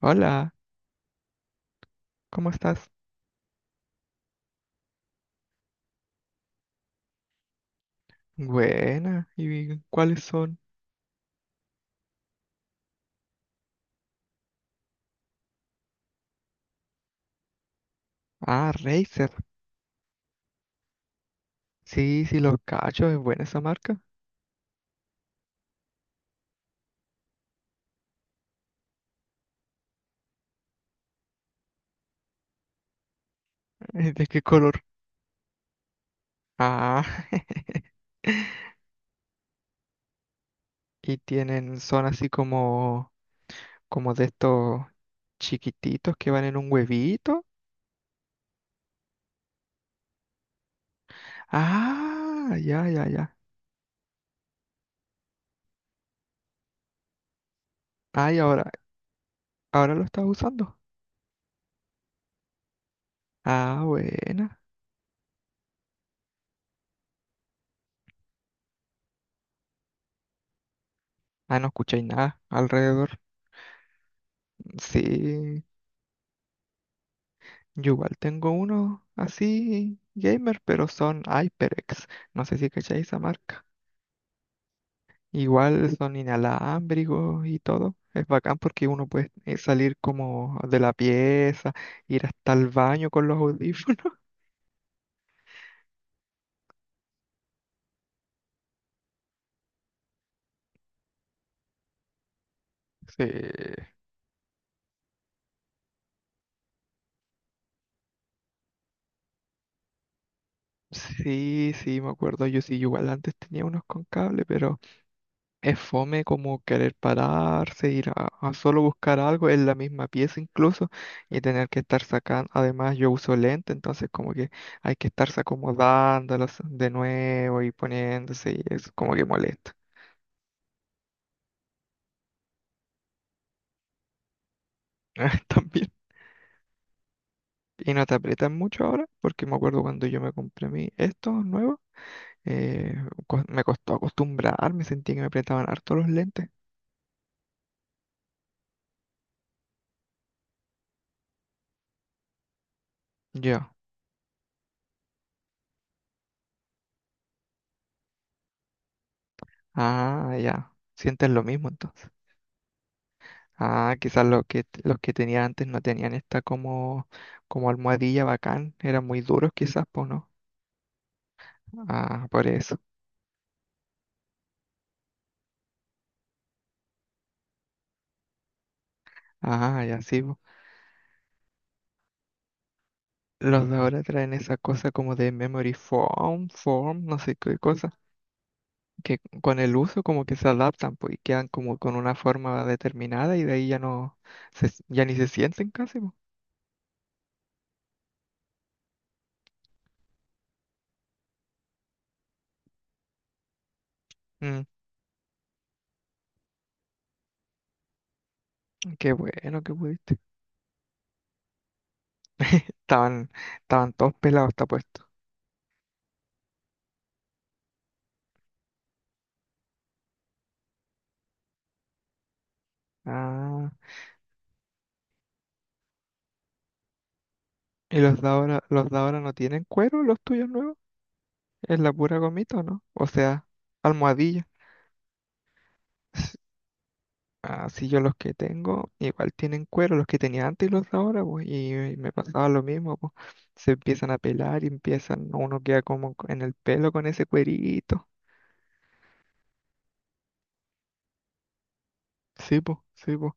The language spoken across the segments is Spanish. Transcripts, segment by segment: Hola, ¿cómo estás? Buena, ¿y cuáles son? Ah, Razer. Sí, sí, los cachos, es buena esa marca. ¿De qué color? Ah, y tienen, son así como, como de estos chiquititos que van en un huevito. Ah, ya, ya, ya. Ah, y ahora, ahora lo estás usando. Ah, buena. Ah, no escucháis nada alrededor. Sí. Yo igual tengo uno así gamer, pero son HyperX. No sé si cacháis esa marca. Igual son inalámbricos y todo. Es bacán porque uno puede salir como de la pieza, ir hasta el baño con los audífonos. Sí, sí, sí, me acuerdo. Yo sí, igual antes tenía unos con cable, pero es fome como querer pararse, ir a solo buscar algo en la misma pieza incluso y tener que estar sacando. Además, yo uso lente, entonces como que hay que estarse acomodándolos de nuevo y poniéndose y es como que molesta. También. Y no te aprietan mucho ahora, porque me acuerdo cuando yo me compré mi estos nuevos, eh, me costó acostumbrarme, sentí que me apretaban harto los lentes. Yo, ah, ya, sientes lo mismo entonces. Ah, quizás los que tenía antes no tenían esta como, como almohadilla bacán, eran muy duros quizás, pues no. Ah, por eso. Ah, ya sí, po. Los de ahora traen esa cosa como de memory foam, form, no sé qué cosa, que con el uso como que se adaptan, pues, y quedan como con una forma determinada y de ahí ya no, se, ya ni se sienten casi, po. Mm, qué bueno que pudiste. Estaban, estaban todos pelados, está puesto. Ah, ¿y los de ahora no tienen cuero, los tuyos nuevos? Es la pura gomita, ¿o no? O sea, almohadilla. S- Así yo los que tengo, igual tienen cuero, los que tenía antes y los de ahora, pues, y me pasaba lo mismo, pues. Se empiezan a pelar y empiezan, uno queda como en el pelo con ese cuerito. Sí, pues, sí, pues.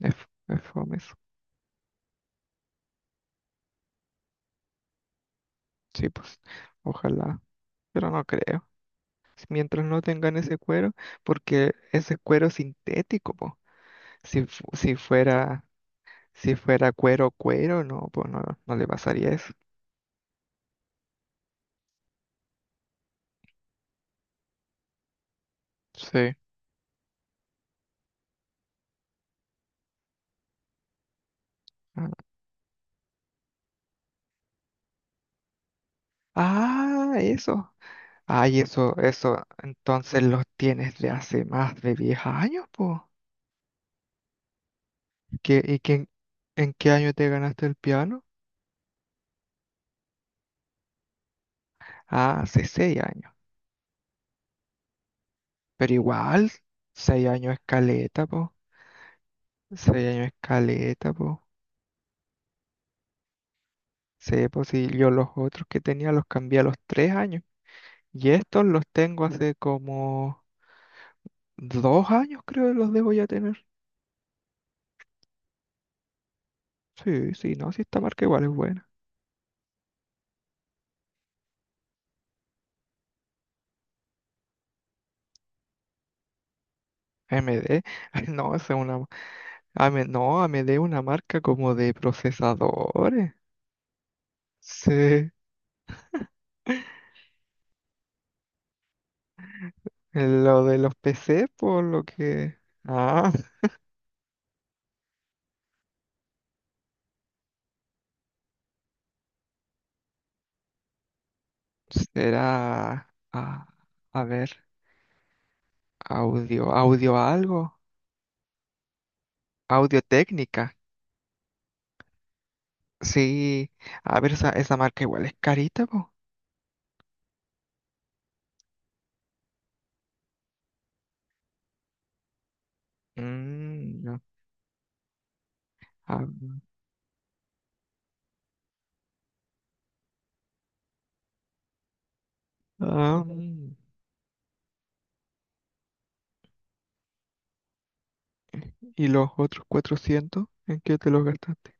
Es, es fome eso. Sí, pues, ojalá, pero no creo. Si mientras no tengan ese cuero, porque ese cuero sintético, pues. Si, si fuera, si fuera cuero, cuero, no, pues no, no le pasaría eso. Sí. Ah, ah, eso. Ay, eso, eso. Entonces los tienes de hace más de 10 años, po. ¿Qué, y qué, en qué año te ganaste el piano? Ah, hace 6 años. Pero igual, 6 años es caleta, po. 6 años es caleta, po. Sí, pues sí, yo los otros que tenía los cambié a los 3 años. Y estos los tengo hace como 2 años, creo que los debo ya tener. Sí, sí, no, si esta marca igual es buena. M D. No, esa es una ame no, AMD es una marca como de procesadores. Sí, lo de los PC, por lo que... Ah, será... ah, a ver, audio, audio algo, audio técnica. Sí, a ver, esa marca igual es carita, po. Mm, no, ah, ah, mm, ¿y los otros 400? ¿En qué te los gastaste?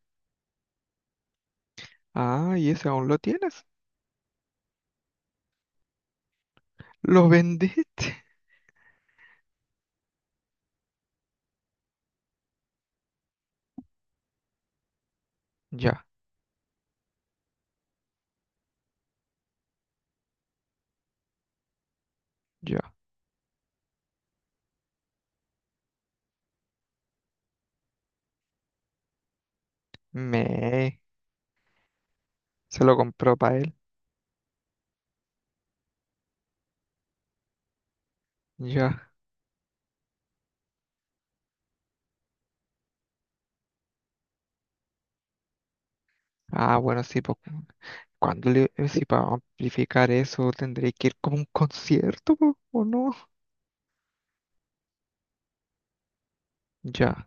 Ah, ¿y ese aún lo tienes? ¿Lo vendiste? Ya, ya. Me. Se lo compró para él. Ya. Ah, bueno, sí, pues. Cuando le, si para amplificar eso tendré que ir como a un concierto, po, ¿o no? Ya.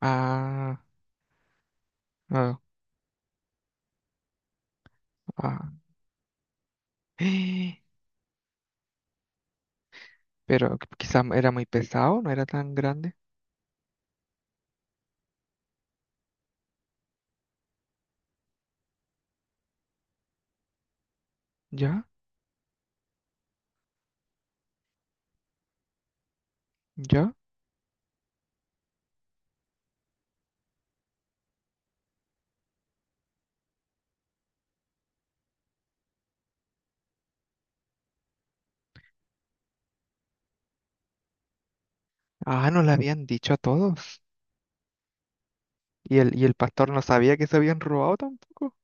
Ah, ah, ah. Pero quizás era muy pesado, no era tan grande. Ya, ya. Ah, no le habían dicho a todos. Y el pastor no sabía que se habían robado tampoco.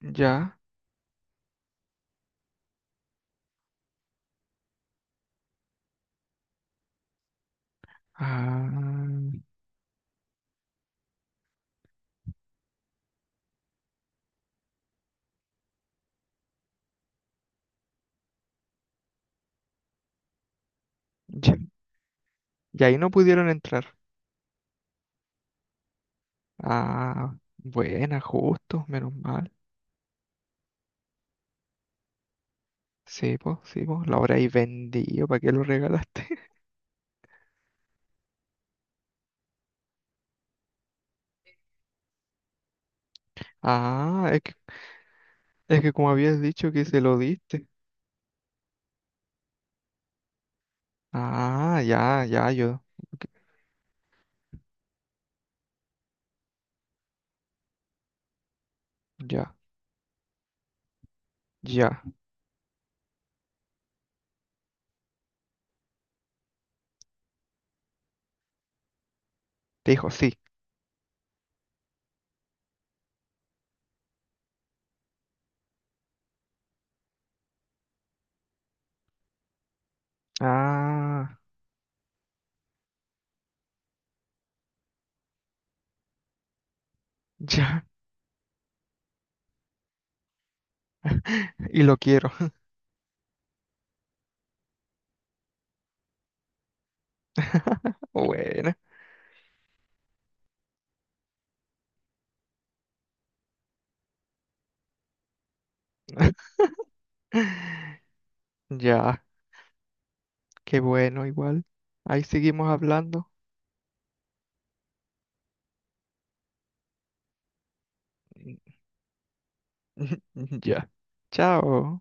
Ya. Ah, ya. Y ahí no pudieron entrar. Ah, buena, justo, menos mal. Sí, pues, lo habréis vendido, ¿para qué lo regalaste? Ah, es que como habías dicho que se lo diste. Ah, ya, ya, yo, ya, ya. Te dijo sí. Ah, ya. Y lo quiero. Bueno. Ya, qué bueno, igual. Ahí seguimos hablando. Ya. Chao.